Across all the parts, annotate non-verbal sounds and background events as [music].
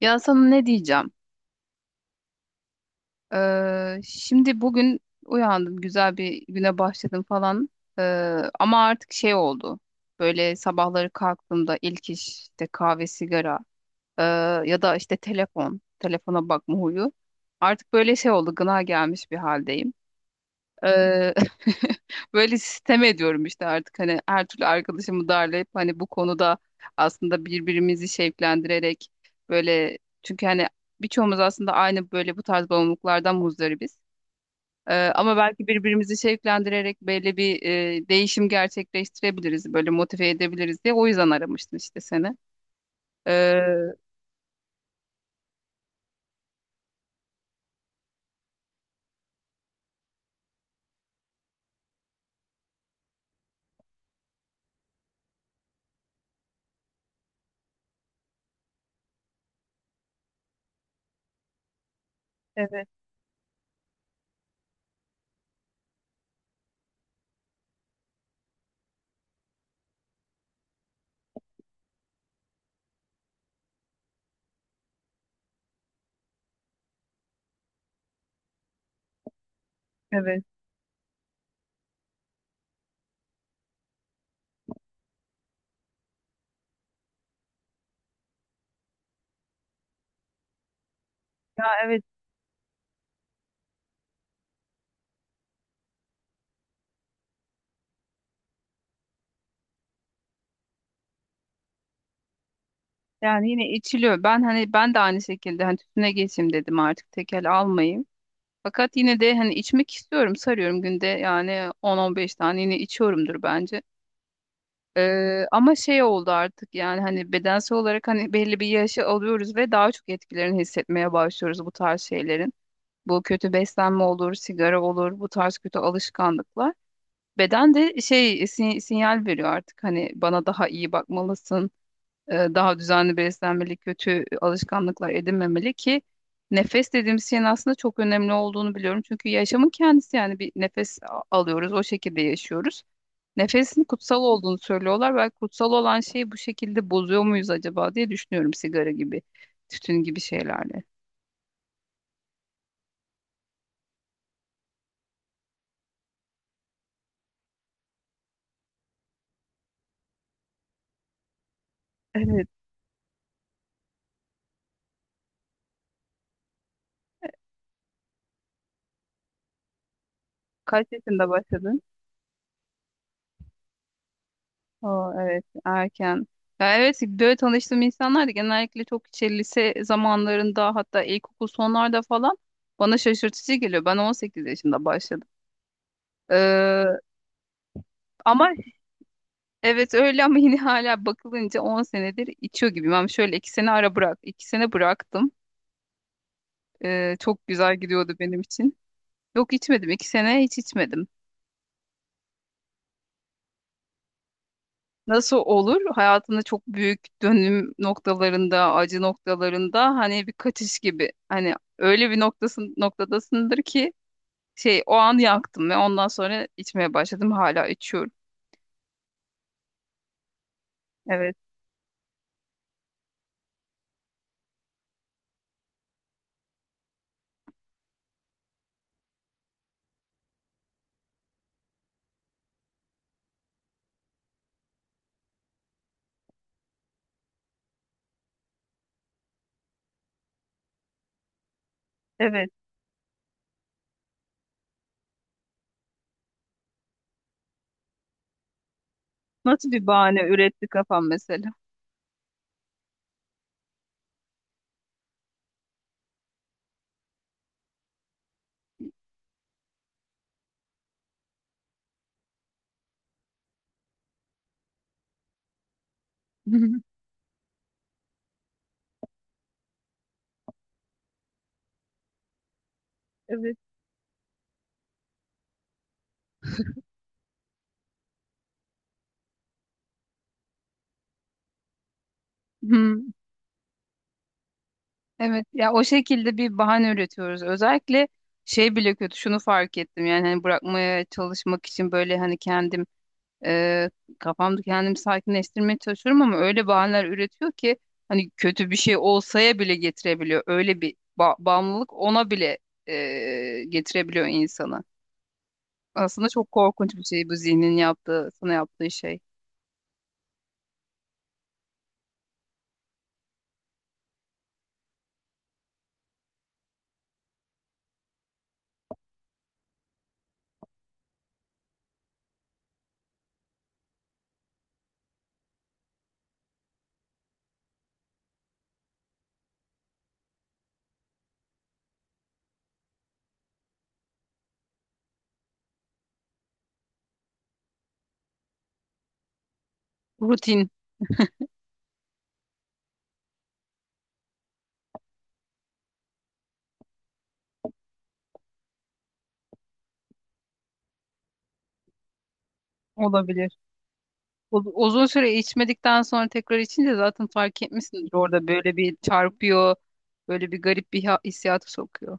Ya sana ne diyeceğim? Şimdi bugün uyandım, güzel bir güne başladım falan. Ee, Ama artık şey oldu. Böyle sabahları kalktığımda ilk iş işte kahve, sigara ee, ya da işte telefon, telefona bakma huyu. Artık böyle şey oldu, gına gelmiş bir haldeyim. Eee, [laughs] böyle sistem ediyorum işte artık hani her türlü arkadaşımı darlayıp hani bu konuda aslında birbirimizi şevklendirerek böyle çünkü hani birçoğumuz aslında aynı böyle bu tarz bağımlılıklardan muzdaribiz. Ama belki birbirimizi şevklendirerek böyle bir değişim gerçekleştirebiliriz, böyle motive edebiliriz diye o yüzden aramıştım işte seni. Eee, Evet, evet. Ha, evet yani yine içiliyor. Ben hani ben de aynı şekilde hani tütüne geçeyim dedim artık tekel almayayım. Fakat yine de hani içmek istiyorum, sarıyorum günde yani 10-15 tane yine içiyorumdur bence. Ama şey oldu artık yani hani bedensel olarak hani belli bir yaşı alıyoruz ve daha çok etkilerini hissetmeye başlıyoruz bu tarz şeylerin. Bu kötü beslenme olur, sigara olur, bu tarz kötü alışkanlıklar. Beden de şey sinyal veriyor artık hani bana daha iyi bakmalısın, daha düzenli beslenmeli, kötü alışkanlıklar edinmemeli ki nefes dediğimiz şeyin aslında çok önemli olduğunu biliyorum. Çünkü yaşamın kendisi yani bir nefes alıyoruz, o şekilde yaşıyoruz. Nefesin kutsal olduğunu söylüyorlar. Belki kutsal olan şeyi bu şekilde bozuyor muyuz acaba diye düşünüyorum sigara gibi, tütün gibi şeylerle. Evet. Kaç yaşında başladın? Oo, evet erken. Ya evet böyle tanıştığım insanlar da genellikle çok işte lise zamanlarında hatta ilkokul sonlarda falan bana şaşırtıcı geliyor. Ben 18 yaşında başladım. Ee, ama Evet, öyle ama yine hala bakılınca 10 senedir içiyor gibiyim. Ama şöyle 2 sene ara bırak. 2 sene bıraktım. Çok güzel gidiyordu benim için. Yok içmedim. 2 sene hiç içmedim. Nasıl olur? Hayatında çok büyük dönüm noktalarında, acı noktalarında hani bir kaçış gibi. Hani öyle bir noktadasındır ki şey o an yaktım ve ondan sonra içmeye başladım. Hala içiyorum. Evet, evet. Nasıl bir bahane üretti kafam mesela? [laughs] Evet. Hmm, evet. Ya o şekilde bir bahane üretiyoruz. Özellikle şey bile kötü. Şunu fark ettim. Yani hani bırakmaya çalışmak için böyle hani kendimi e, kafamda kendimi sakinleştirmeye çalışıyorum ama öyle bahaneler üretiyor ki hani kötü bir şey olsaya bile getirebiliyor. Öyle bir bağımlılık ona bile getirebiliyor insanı. Aslında çok korkunç bir şey bu zihnin yaptığı, sana yaptığı şey. Rutin olabilir. Uzun süre içmedikten sonra tekrar içince zaten fark etmişsindir orada böyle bir çarpıyor, böyle bir garip bir hissiyata sokuyor.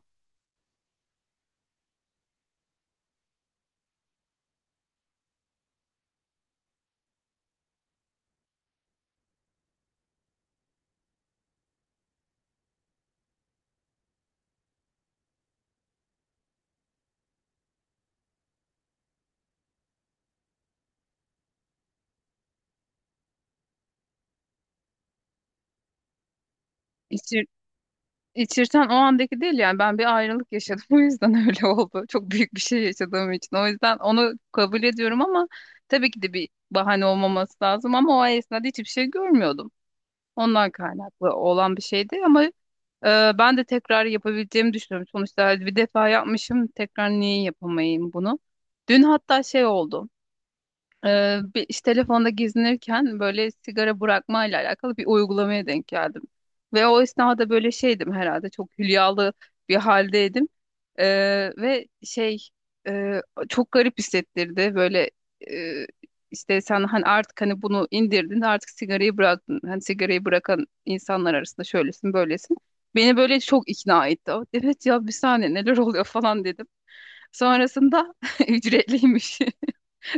İçirten o andaki değil yani ben bir ayrılık yaşadım [laughs] bu yüzden öyle oldu. Çok büyük bir şey yaşadığım için. O yüzden onu kabul ediyorum ama tabii ki de bir bahane olmaması lazım ama o esnada hiçbir şey görmüyordum. Ondan kaynaklı olan bir şeydi ama ben de tekrar yapabileceğimi düşünüyorum. Sonuçta bir defa yapmışım tekrar niye yapamayayım bunu? Dün hatta şey oldu. İşte telefonda gezinirken böyle sigara bırakmayla alakalı bir uygulamaya denk geldim. Ve o esnada böyle şeydim herhalde çok hülyalı bir haldeydim. Ee, Ve şey e, çok garip hissettirdi böyle e, işte sen hani artık hani bunu indirdin artık sigarayı bıraktın. Hani sigarayı bırakan insanlar arasında şöylesin böylesin. Beni böyle çok ikna etti. Evet ya bir saniye neler oluyor falan dedim. Sonrasında [laughs] ücretliymiş.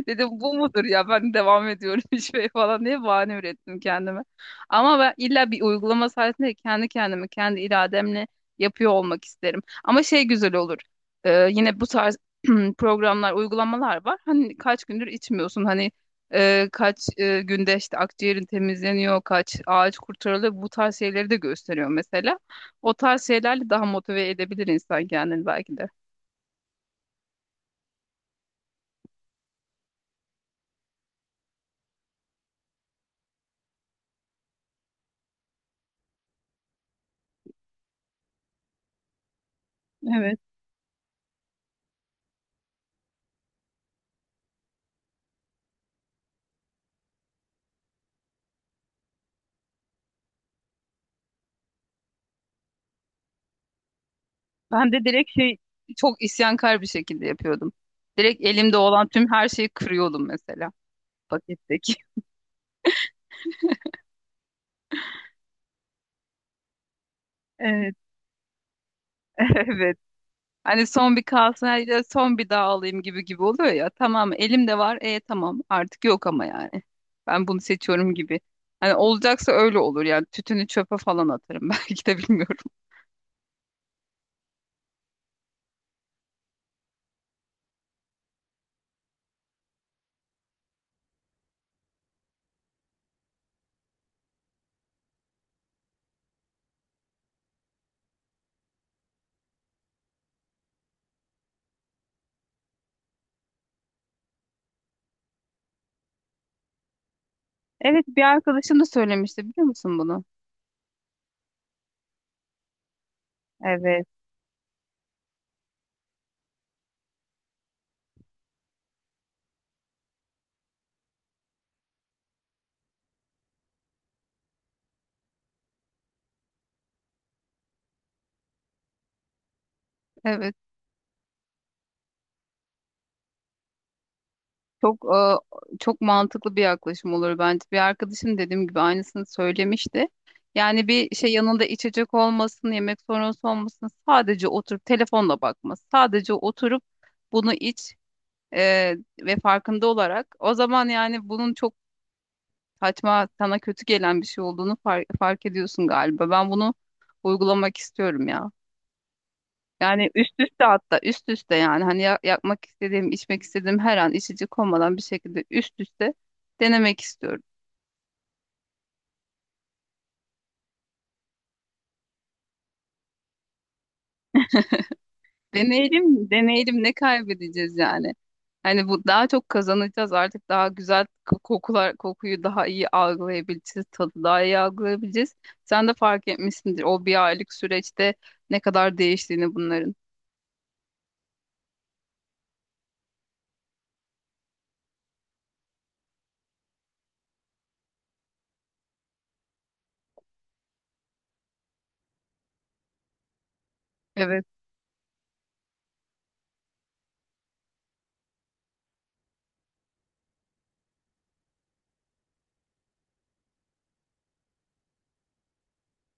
Dedim bu mudur ya ben devam ediyorum [laughs] şey falan diye bahane ürettim kendime. Ama ben illa bir uygulama sayesinde kendi kendimi kendi irademle yapıyor olmak isterim. Ama şey güzel olur. Yine bu tarz [clears throat] programlar, uygulamalar var. Hani kaç gündür içmiyorsun. Hani kaç günde işte akciğerin temizleniyor, kaç ağaç kurtarılıyor. Bu tarz şeyleri de gösteriyor mesela. O tarz şeylerle daha motive edebilir insan kendini belki de. Ben de direkt şey çok isyankar bir şekilde yapıyordum. Direkt elimde olan tüm her şeyi kırıyordum mesela paketteki. [laughs] Evet, [laughs] evet. Hani son bir kalsın, hadi son bir daha alayım gibi gibi oluyor ya. Tamam elimde var, e tamam artık yok ama yani. Ben bunu seçiyorum gibi. Hani olacaksa öyle olur yani tütünü çöpe falan atarım [laughs] belki de bilmiyorum. Evet, bir arkadaşım da söylemişti biliyor musun bunu? Evet. Evet. Çok çok mantıklı bir yaklaşım olur bence. Bir arkadaşım dediğim gibi aynısını söylemişti. Yani bir şey yanında içecek olmasın, yemek sonrası olmasın, sadece oturup telefonla bakması, sadece oturup bunu iç e, ve farkında olarak. O zaman yani bunun çok saçma, sana kötü gelen bir şey olduğunu fark ediyorsun galiba. Ben bunu uygulamak istiyorum ya. Yani üst üste hatta üst üste yani hani yapmak istediğim, içmek istediğim her an içecek olmadan bir şekilde üst üste denemek istiyorum. Deneyelim, deneyelim ne kaybedeceğiz yani? Hani bu daha çok kazanacağız artık daha güzel kokular kokuyu daha iyi algılayabileceğiz, tadı daha iyi algılayabileceğiz. Sen de fark etmişsindir o 1 aylık süreçte ne kadar değiştiğini bunların. Evet,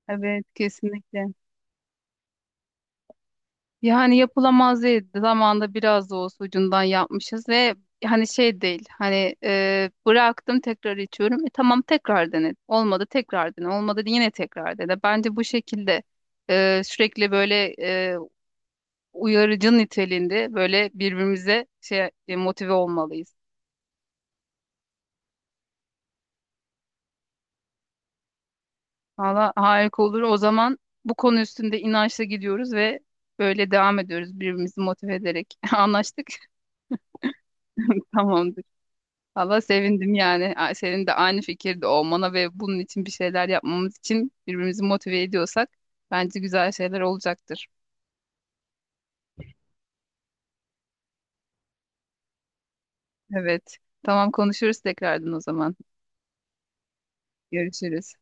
evet kesinlikle. Yani yapılamaz değil. Zamanında biraz da olsa ucundan yapmışız ve hani şey değil. Hani bıraktım tekrar içiyorum. E, tamam tekrar dene. Olmadı tekrar dene. Olmadı yine tekrar dene. Bence bu şekilde sürekli böyle uyarıcı niteliğinde böyle birbirimize şey motive olmalıyız. Valla harika olur. O zaman bu konu üstünde inançla gidiyoruz ve böyle devam ediyoruz birbirimizi motive ederek. [laughs] Anlaştık. [laughs] Tamamdır. Valla sevindim yani. A- Senin de aynı fikirde olmana ve bunun için bir şeyler yapmamız için birbirimizi motive ediyorsak bence güzel şeyler olacaktır. Evet. Tamam konuşuruz tekrardan o zaman. Görüşürüz.